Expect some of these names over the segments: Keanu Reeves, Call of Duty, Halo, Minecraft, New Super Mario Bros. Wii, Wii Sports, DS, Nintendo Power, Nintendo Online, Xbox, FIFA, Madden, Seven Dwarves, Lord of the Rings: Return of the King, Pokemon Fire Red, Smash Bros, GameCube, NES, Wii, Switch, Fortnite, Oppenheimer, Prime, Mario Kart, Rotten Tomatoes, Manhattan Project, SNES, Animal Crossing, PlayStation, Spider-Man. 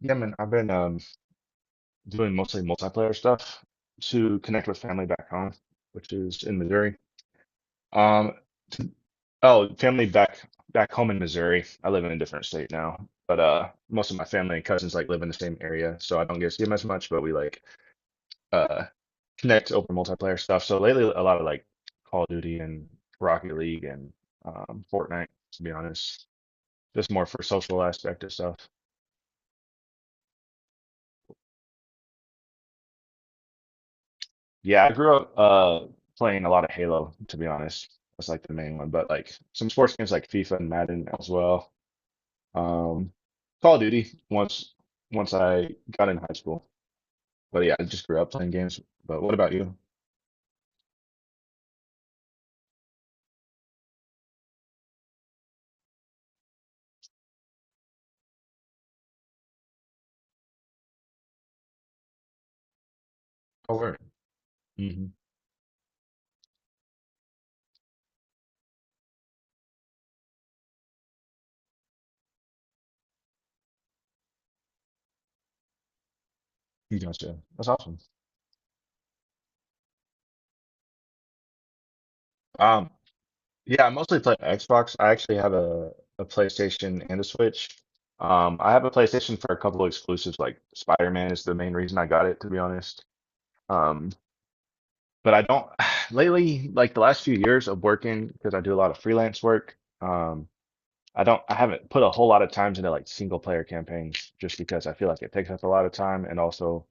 Yeah, man, I've been doing mostly multiplayer stuff to connect with family back home, which is in Missouri. Um, t- oh, family back home in Missouri. I live in a different state now, but most of my family and cousins like live in the same area, so I don't get to see them as much. But we like uh connect over multiplayer stuff. So lately, a lot of like Call of Duty and Rocket League and Fortnite, to be honest, just more for social aspect of stuff. Yeah, I grew up playing a lot of Halo, to be honest. That's like the main one, but like some sports games like FIFA and Madden as well. Um, Call of Duty once I got in high school. But yeah, I just grew up playing games. But what about you? Oh, word. Mm-hmm. You gotcha. That's awesome. Um, yeah, I mostly play Xbox. I actually have a PlayStation and a Switch. I have a PlayStation for a couple of exclusives, like Spider-Man is the main reason I got it, to be honest. Um, but I don't lately, like the last few years of working, because I do a lot of freelance work. I haven't put a whole lot of times into like single player campaigns just because I feel like it takes up a lot of time. And also,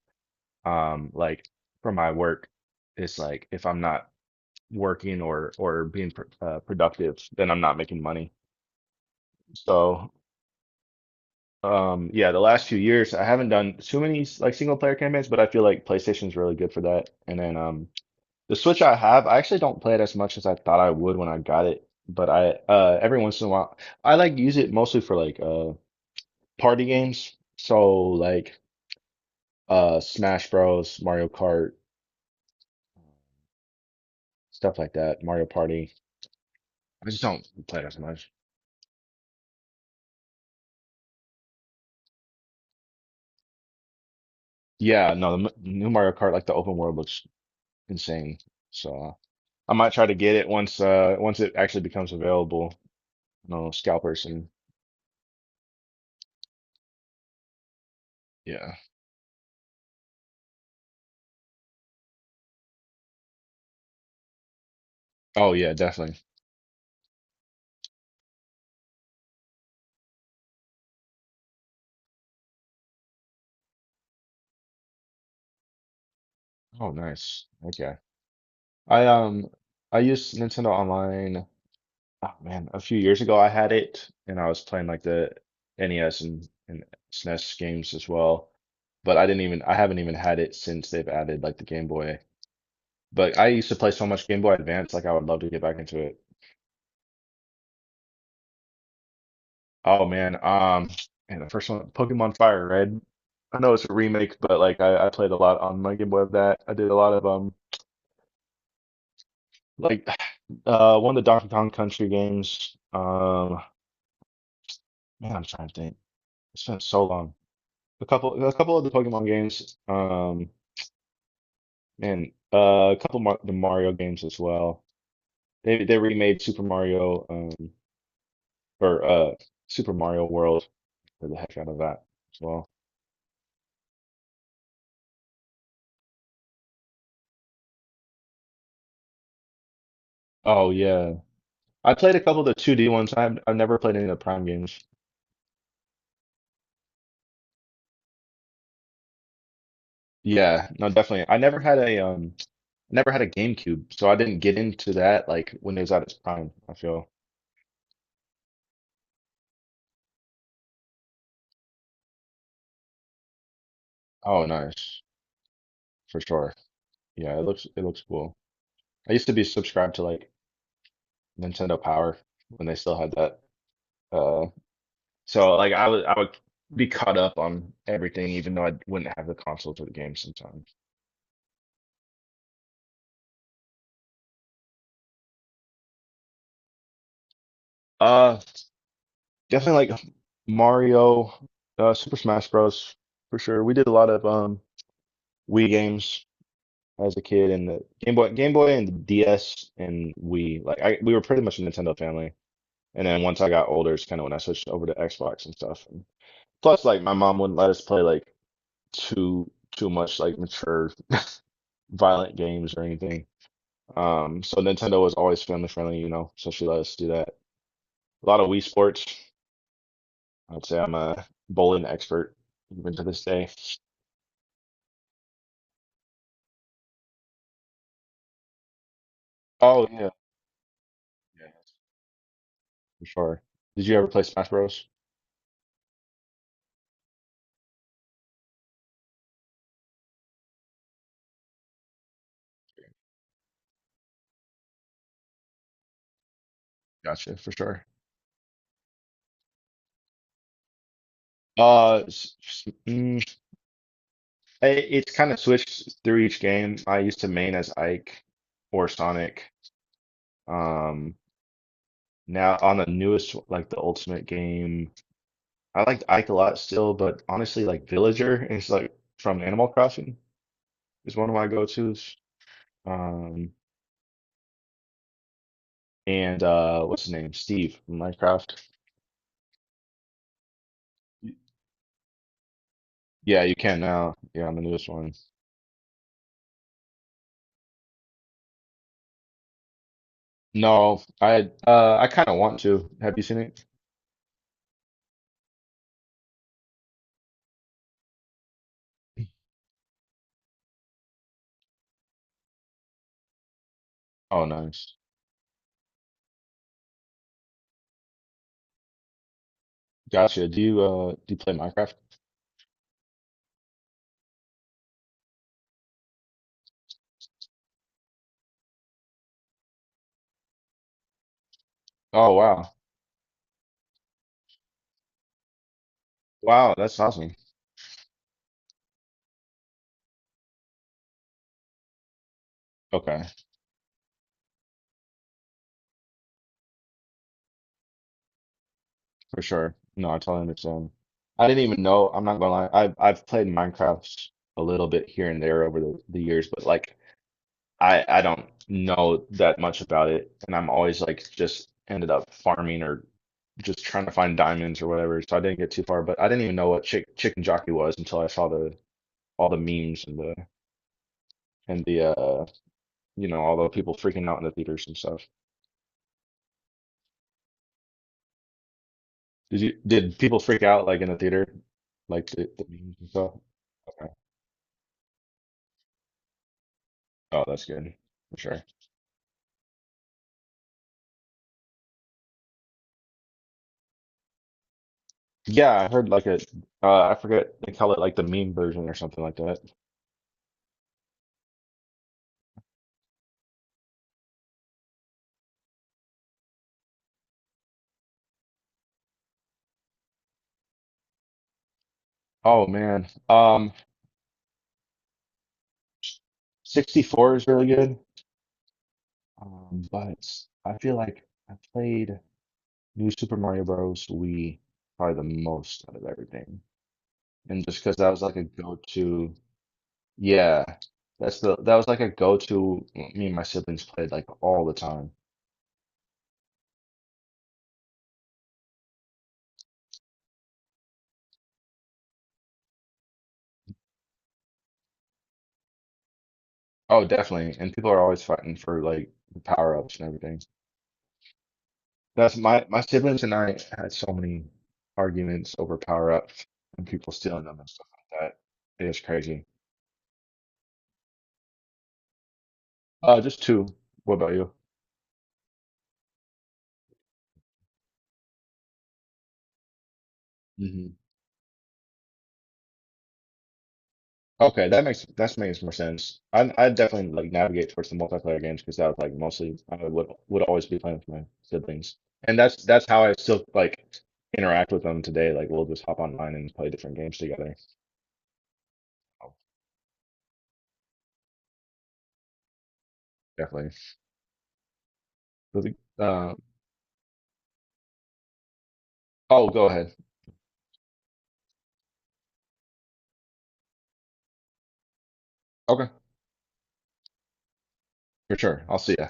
um, like for my work, it's like if I'm not working or being pr productive, then I'm not making money. So, yeah, the last few years I haven't done too many like single player campaigns, but I feel like PlayStation's really good for that. And then, the Switch I have, I actually don't play it as much as I thought I would when I got it, but I every once in a while I like use it mostly for like party games. So like Smash Bros, Mario Kart, stuff like that, Mario Party. I just don't play it as much. Yeah, no, the new Mario Kart, like the open world looks insane. So I might try to get it once it actually becomes available. No scalpers and yeah. Oh yeah, definitely. Oh nice. Okay. I um I used Nintendo Online, oh man, a few years ago I had it and I was playing like the NES and SNES games as well. But I haven't even had it since they've added like the Game Boy. But I used to play so much Game Boy Advance, like I would love to get back into it. Oh man, um, and the first one, Pokemon Fire Red. I know it's a remake, but I played a lot on my Game Boy of that. I did a lot of like one of the Donkey Kong Country games. Um, man, I'm trying to think. It's been so long. A couple of the Pokemon games, and a couple of the Mario games as well. They remade Super Mario, or Super Mario World. For the heck out of that as well. Oh yeah, I played a couple of the 2D ones. I've never played any of the Prime games. Yeah, no, definitely. I never had a Never had a GameCube, so I didn't get into that like when it was at its prime, I feel. Oh, nice. For sure. Yeah, it looks cool. I used to be subscribed to like Nintendo Power when they still had that. Uh, so like I would be caught up on everything, even though I wouldn't have the console for the game sometimes. Uh, definitely like Mario, Super Smash Bros. For sure. We did a lot of Wii games as a kid, and the Game Boy, and the DS, and Wii like I we were pretty much a Nintendo family. And then once I got older, it's kind of when I switched over to Xbox and stuff. And plus, like my mom wouldn't let us play like too too much like mature violent games or anything. So Nintendo was always family friendly, you know, so she let us do that. A lot of Wii Sports. I'd say I'm a bowling expert even to this day. Oh yeah, yeah, for sure. Did you ever play Smash Bros? Gotcha, for sure. Uh, s- s- mm, it's kind of switched through each game. I used to main as Ike or Sonic. Um, now on the newest, like the Ultimate game, I liked Ike a lot still, but honestly, like Villager is like from Animal Crossing is one of my go-tos. Um, and what's his name? Steve from Minecraft. Yeah, you can now. Yeah, I'm the newest one. No, I kind of want to. Have you seen it? Oh, nice. Gotcha. Do you play Minecraft? Oh wow, wow, that's awesome. Okay, for sure. No, I totally understand. I didn't even know. I'm not gonna lie. I've played Minecraft a little bit here and there over the years, but like I don't know that much about it, and I'm always like just ended up farming or just trying to find diamonds or whatever. So I didn't get too far, but I didn't even know what chicken jockey was until I saw the all the memes and the you know all the people freaking out in the theaters and stuff. Did you did people freak out like in the theater, like the memes and stuff? Okay. Oh, that's good for sure. Yeah, I heard like a I forget they call it like the meme version or something like that. Oh man, 64 is really good. But I feel like I played New Super Mario Bros. Wii probably the most out of everything. And just because that was like a go-to, yeah, that was like a go-to. Well, me and my siblings played like all the time. Oh, definitely. And people are always fighting for like the power-ups and everything. That's my siblings and I had so many arguments over power-ups and people stealing them and stuff like that. It's crazy. Just two. What about you? Okay, that makes more sense. I definitely like navigate towards the multiplayer games because that was like mostly I would always be playing with my siblings, and that's how I still like interact with them today. Like we'll just hop online and play different games together. Oh, definitely. Uh, oh, go ahead. Okay, for sure. I'll see ya.